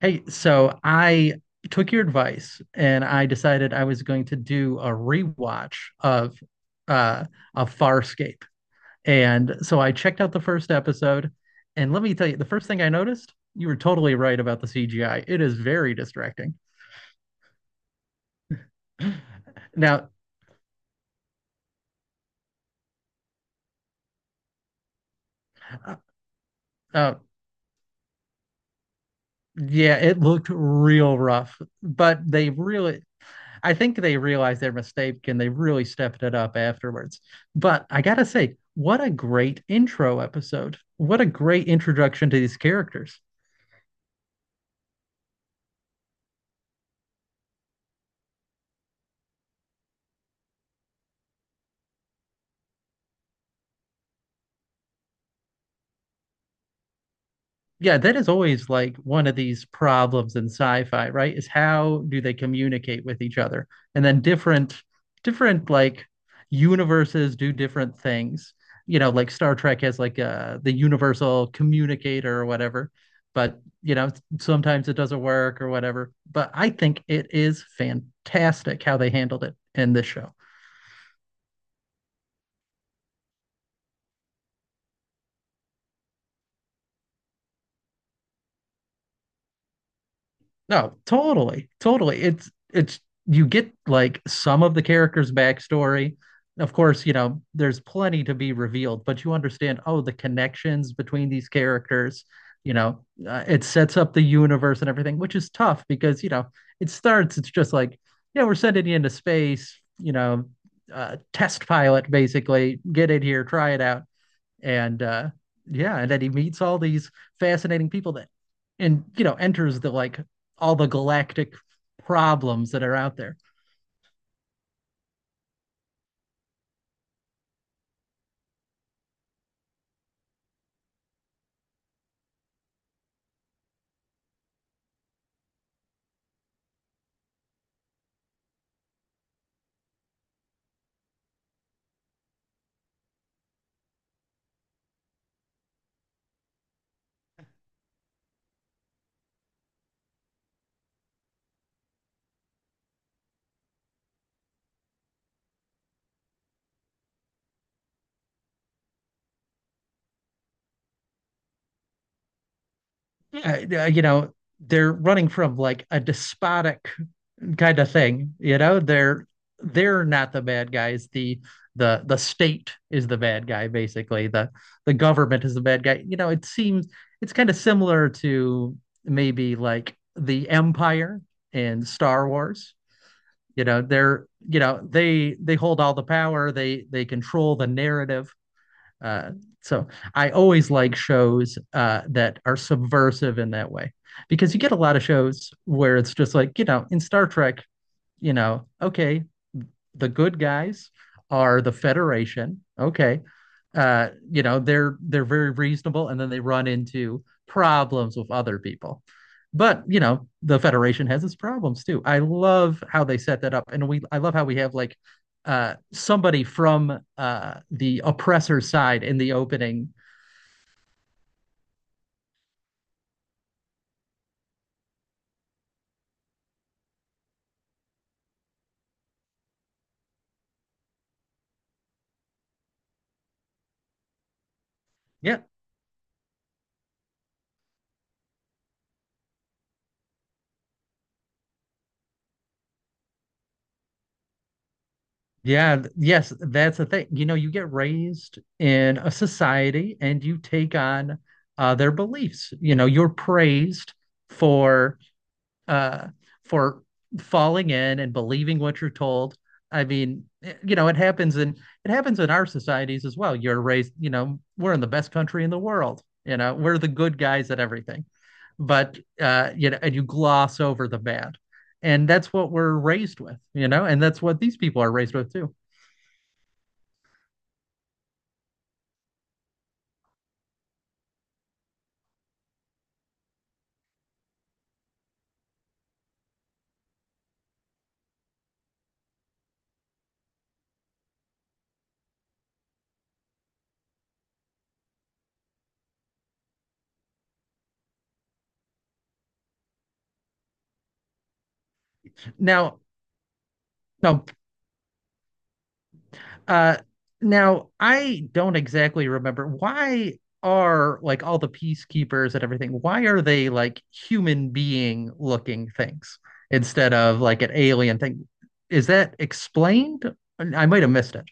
Hey, so I took your advice and I decided I was going to do a rewatch uh of Farscape. And so I checked out the first episode, and let me tell you, the first thing I noticed, you were totally right about the CGI. It is very distracting. Now, uh, uh, yeah, it looked real rough, but they really I think they realized their mistake and they really stepped it up afterwards. But I gotta say, what a great intro episode. What a great introduction to these characters. Yeah, that is always like one of these problems in sci-fi, right? Is how do they communicate with each other? And then different universes do different things. You know, like Star Trek has like the universal communicator or whatever, but you know, sometimes it doesn't work or whatever. But I think it is fantastic how they handled it in this show. No, totally, totally. It's you get like some of the character's backstory. Of course, you know, there's plenty to be revealed, but you understand, oh, the connections between these characters, you know, it sets up the universe and everything, which is tough because, you know, it's just like, yeah, we're sending you into space, you know, test pilot basically, get in here, try it out and yeah and then he meets all these fascinating people that and you know enters the like all the galactic problems that are out there. Yeah, you know, they're running from like a despotic kind of thing. You know, they're not the bad guys. The the state is the bad guy, basically. The government is the bad guy. You know, it seems it's kind of similar to maybe like the Empire in Star Wars. You know, they hold all the power. They control the narrative. Uh, so I always like shows that are subversive in that way because you get a lot of shows where it's just like, you know, in Star Trek, you know, okay, the good guys are the Federation. Okay. You know, they're very reasonable and then they run into problems with other people. But, you know, the Federation has its problems too. I love how they set that up and we I love how we have like somebody from the oppressor side in the opening. Yeah, yes, that's the thing. You know, you get raised in a society and you take on their beliefs. You know, you're praised for uh, for falling in and believing what you're told. I mean, you know, it happens in our societies as well. You're raised, you know, we're in the best country in the world. You know, we're the good guys at everything, but you know, and you gloss over the bad, and that's what we're raised with. You know, and that's what these people are raised with too. Now, no, uh, Now I don't exactly remember why are like all the peacekeepers and everything, why are they like human being looking things instead of like an alien thing? Is that explained? I might have missed it.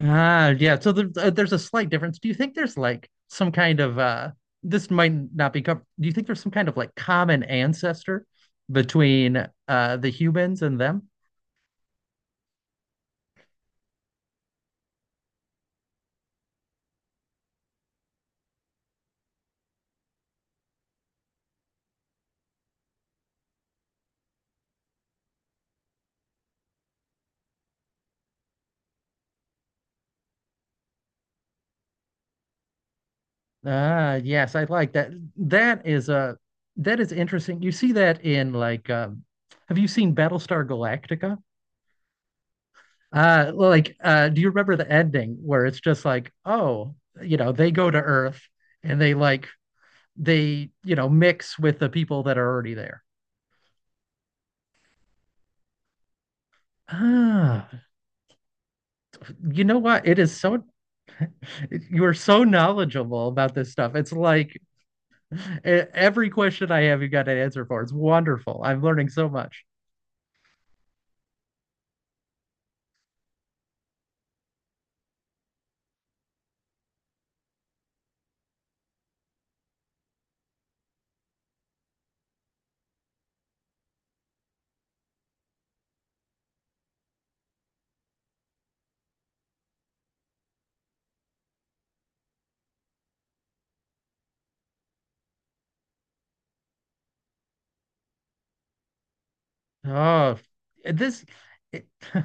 Ah, yeah. So there's a slight difference. Do you think there's like some kind of this might not be com- do you think there's some kind of like common ancestor between the humans and them? Ah, yes, I like that. That is uh that is interesting. You see that in like have you seen Battlestar Galactica? Do you remember the ending where it's just like, oh, you know, they go to Earth and they, you know, mix with the people that are already there. Ah, you know what? It is so, you are so knowledgeable about this stuff. It's like every question I have, you got an answer for. It's wonderful. I'm learning so much. Oh, this, it,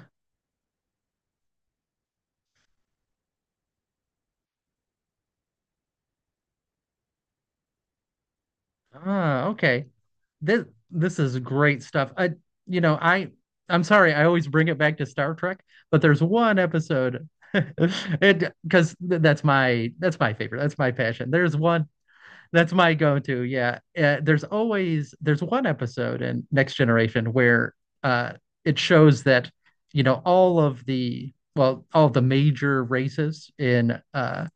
ah, okay. This, this is great stuff. You know, I, I'm sorry, I always bring it back to Star Trek, but there's one episode. It because that's my favorite. That's my passion. There's one That's my go-to. Yeah. There's one episode in Next Generation where uh it shows that, you know, all the major races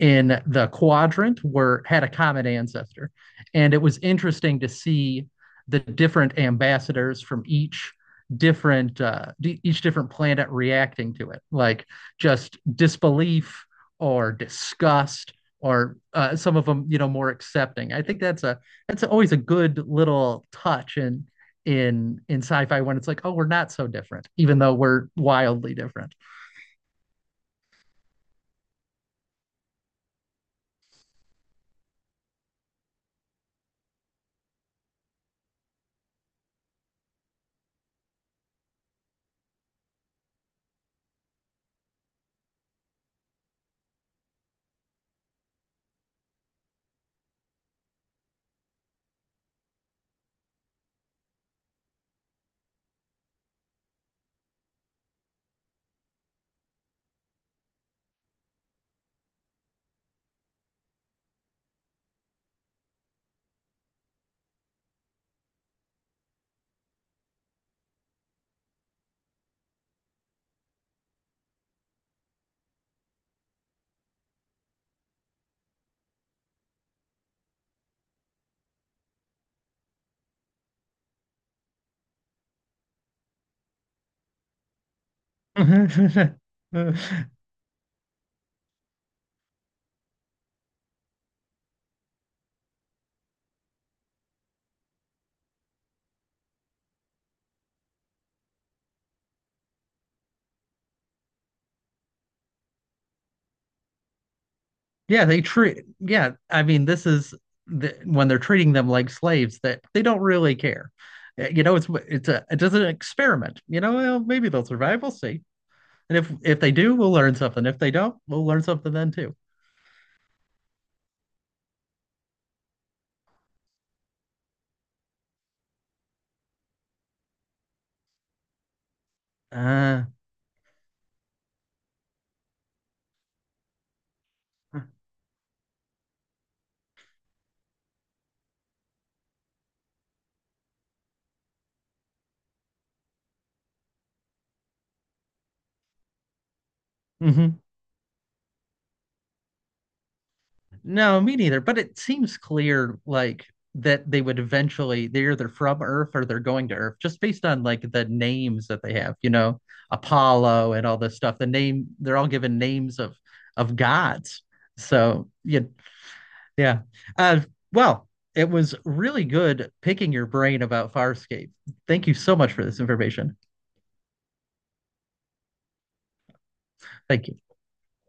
in the quadrant were had a common ancestor and it was interesting to see the different ambassadors from each different each different planet reacting to it like just disbelief or disgust or some of them, you know, more accepting. I think that's always a good little touch in in sci-fi when it's like, oh, we're not so different even though we're wildly different. Yeah, I mean, this is when they're treating them like slaves that they don't really care. You know, it's just an experiment. You know, well, maybe they'll survive. We'll see. And if they do, we'll learn something. If they don't, we'll learn something then too. Uh, mhm. No, me neither. But it seems clear, like that they would eventually they're either from Earth or they're going to Earth, just based on like the names that they have. You know, Apollo and all this stuff. They're all given names of gods. So yeah, yeah. Uh, well, it was really good picking your brain about Farscape. Thank you so much for this information. Thank you.